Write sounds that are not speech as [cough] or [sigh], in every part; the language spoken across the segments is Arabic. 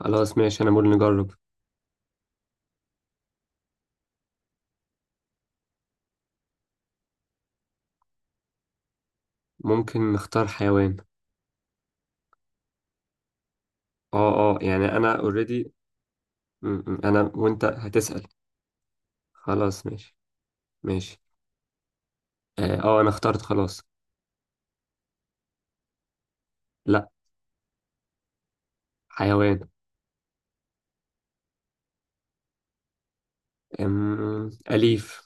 خلاص ماشي، انا بقول نجرب. ممكن نختار حيوان. اه اه، يعني انا اوريدي. انا وانت هتسأل. خلاص ماشي ماشي. اه آه، انا اخترت خلاص. لا. حيوان. أليف.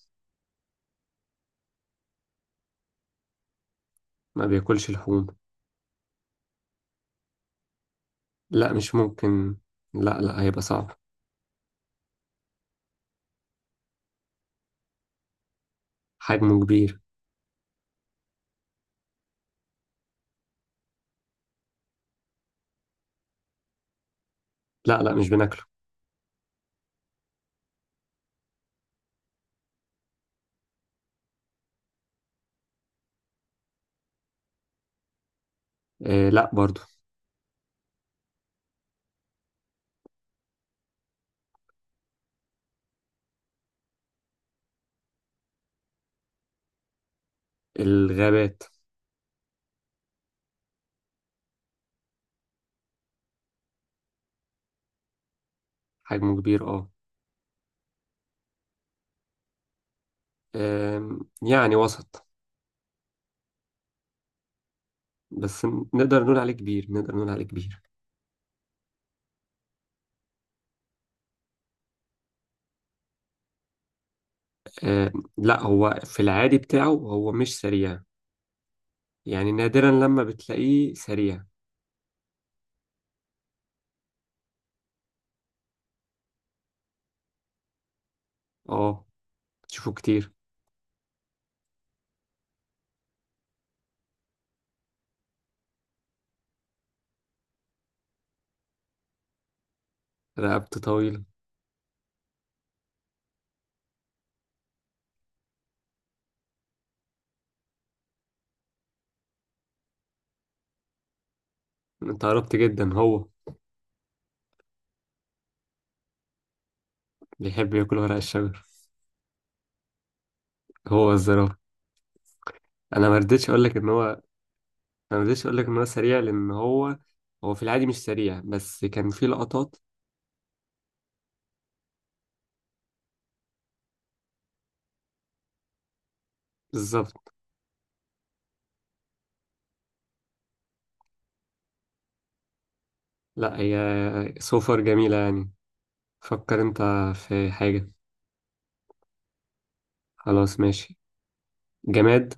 ما بياكلش لحوم. لا مش ممكن. لا لا، هيبقى صعب. حجمه كبير. لا لا مش بناكله. آه، لا برضو. الغابات. حجمه كبير اه. يعني وسط. بس نقدر نقول عليه كبير. آه، لا، هو في العادي بتاعه هو مش سريع، يعني نادرا لما بتلاقيه سريع. اه، تشوفه كتير. رقبته طويلة. انت قربت جدا، هو بيحب ياكل ورق الشجر. هو الزرافة. انا ما رضيتش اقول لك ان هو انا ما رضيتش اقول لك ان هو سريع، لان هو هو في العادي مش سريع بس كان في لقطات. بالظبط. لا، هي سوفر جميلة يعني. فكر انت في حاجة. خلاص ماشي. جماد.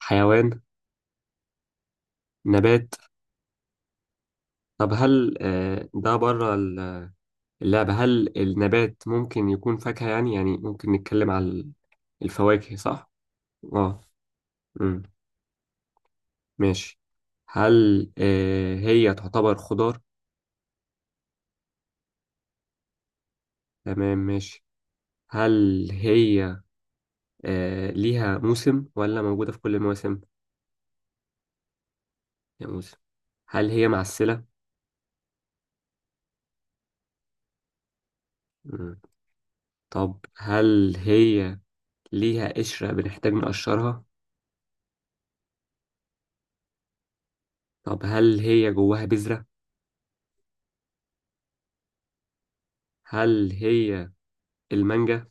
حيوان. نبات. طب، هل ده بره اللعبة؟ هل النبات ممكن يكون فاكهة؟ يعني ممكن نتكلم على الفواكه، صح؟ اه. امم. ماشي. هل هي تعتبر خضار؟ تمام ماشي. هل هي ليها موسم ولا موجودة في كل المواسم؟ يا موسم. هل هي معسلة؟ مم. طب هل هي ليها قشرة بنحتاج نقشرها؟ طب هل هي جواها بذرة؟ هل هي المانجا؟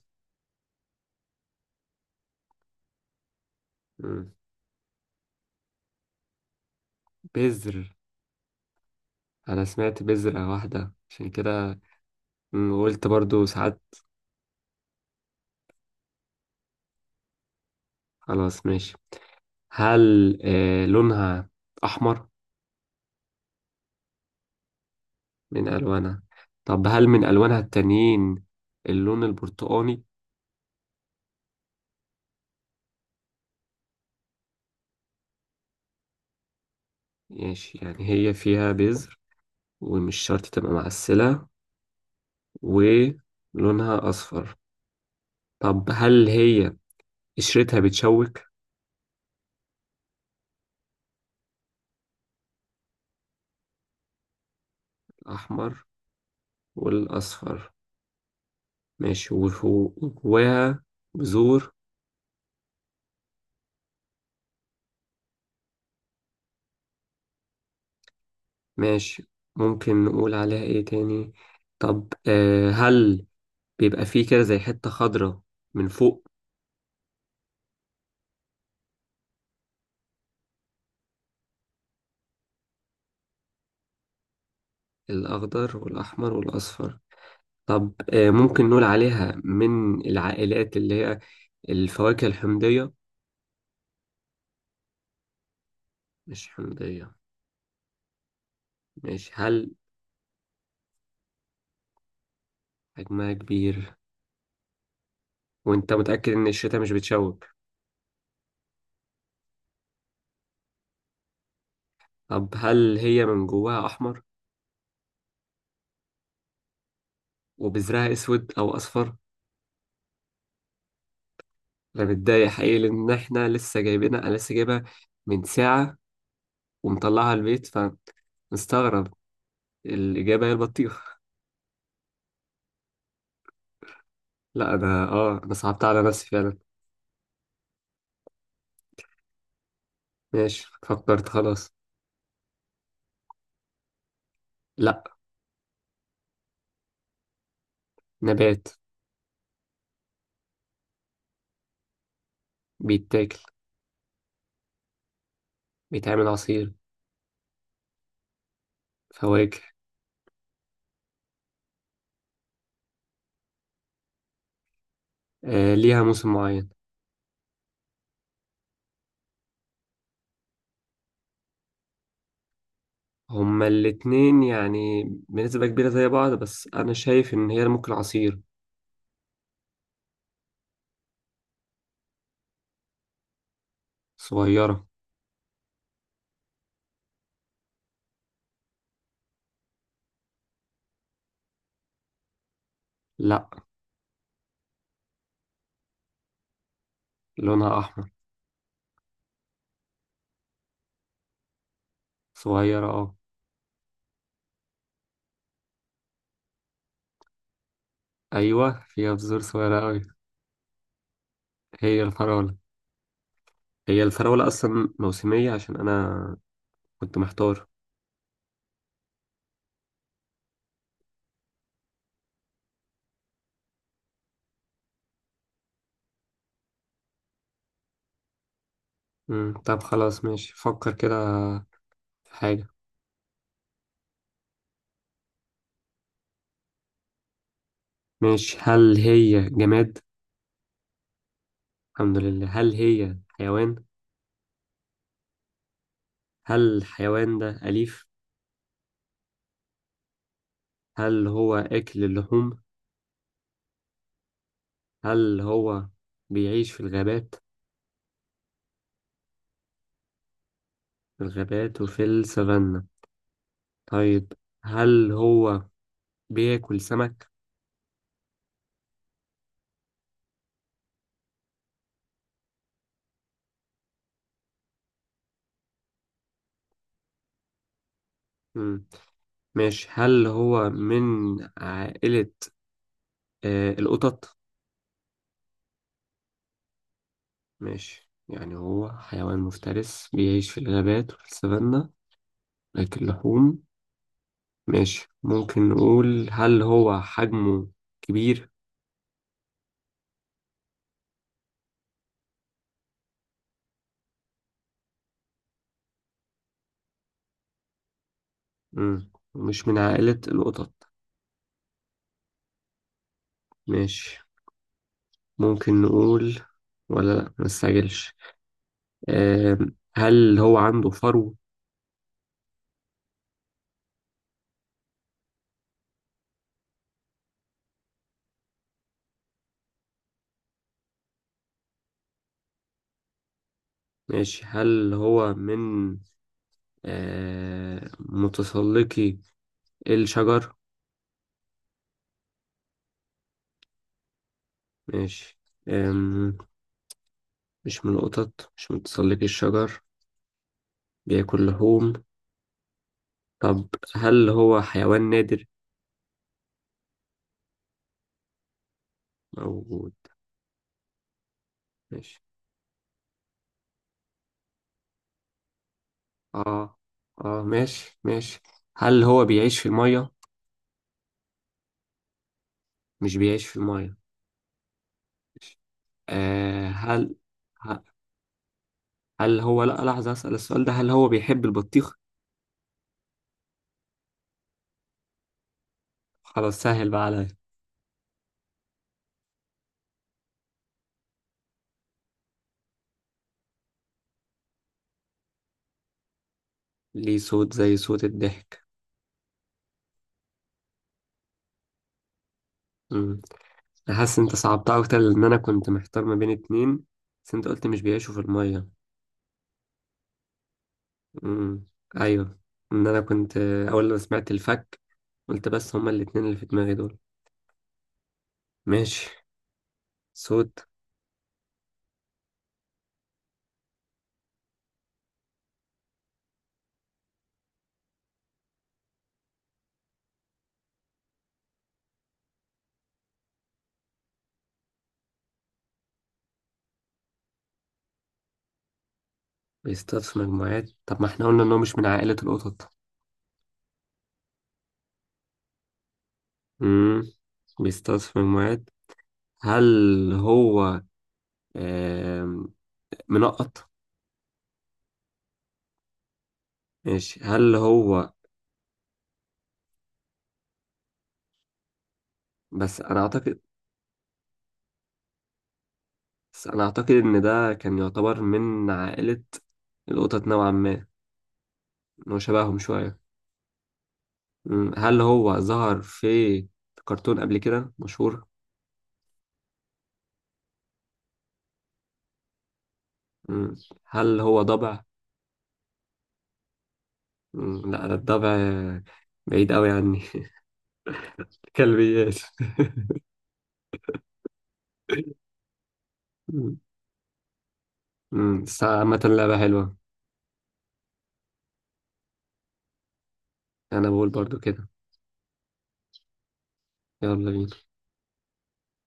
مم. بذر. انا سمعت بذرة واحدة عشان كده. قلت برضو ساعات. خلاص ماشي. هل لونها احمر؟ من الوانها. طب، هل من الوانها التانيين اللون البرتقاني؟ ماشي، يعني هي فيها بذر ومش شرط تبقى معسلة ولونها اصفر. طب، هل هي قشرتها بتشوك؟ الاحمر والاصفر. ماشي، وجواها بذور. ماشي، ممكن نقول عليها ايه تاني. طب هل بيبقى فيه كده زي حتة خضراء من فوق؟ الأخضر والأحمر والأصفر. طب ممكن نقول عليها من العائلات اللي هي الفواكه الحمضية؟ مش حمضية. ماشي. هل حجمها كبير؟ وانت متأكد ان الشتاء مش بتشوك؟ طب، هل هي من جواها أحمر وبذرها أسود أو أصفر؟ أنا متضايق حقيقي لأن احنا لسه جايبينها، أنا لسه جايبها من ساعة ومطلعها البيت. مستغرب. الإجابة هي البطيخ. لا، أنا صعبت على نفسي فعلا. ماشي، فكرت خلاص. لا. نبات. بيتاكل. بيتعمل عصير. فواكه. ليها موسم معين. هما الاتنين يعني بنسبة كبيرة زي بعض، بس أنا شايف إن هي ممكن عصير. صغيرة. لا، لونها أحمر. صغيرة آه. أيوة، فيها بذور صغيرة أوي. هي الفراولة. هي الفراولة أصلا موسمية عشان أنا كنت محتار. طب خلاص ماشي، فكر كده حاجة. ماشي، هل هي جماد؟ الحمد لله. هل هي حيوان؟ هل الحيوان ده أليف؟ هل هو أكل اللحوم؟ هل هو بيعيش في الغابات؟ في الغابات وفي السفانة. طيب، هل هو بياكل سمك؟ مم. ماشي، هل هو من عائلة القطط؟ ماشي، يعني هو حيوان مفترس بيعيش في الغابات وفي السفانة، بياكل لحوم. ماشي، ممكن نقول هل هو حجمه كبير؟ مم. مش من عائلة القطط. ماشي، ممكن نقول، ولا لا، مستعجلش. هل هو عنده فرو؟ ماشي، هل هو من متسلقي الشجر؟ ماشي. آم، مش من القطط، مش من متسلقي الشجر، بياكل لحوم. طب، هل هو حيوان نادر؟ موجود. ماشي اه اه، ماشي ماشي. هل هو بيعيش في المية؟ مش بيعيش في المية. آه هل ه- هل هو، لا لحظة، أسأل السؤال ده، هل هو بيحب البطيخ؟ خلاص سهل بقى عليا. ليه صوت زي صوت الضحك. مم. أنا حاسس أنت صعبتها أكتر لأن أنا كنت محتار ما بين اتنين، بس أنت قلت مش بيعيشوا في المية. مم. أيوه، إن أنا كنت أول ما سمعت الفك قلت بس هما الاتنين اللي في دماغي دول. ماشي. صوت. بيصطاد في مجموعات. طب، ما احنا قلنا ان هو مش من عائلة القطط؟ امم بيصطاد في مجموعات. هل هو آم، منقط؟ ماشي، هل هو، بس انا اعتقد بس انا اعتقد ان ده كان يعتبر من عائلة القطط نوعا ما، ان هو شبههم شوية. مم. هل هو ظهر في كرتون قبل كده مشهور؟ مم. هل هو ضبع؟ مم. لا، ده الضبع بعيد قوي عني. [laughs] كلبيات. مم. مم. بس عامة لعبة حلوة. انا بقول برضو كده. يلا بينا.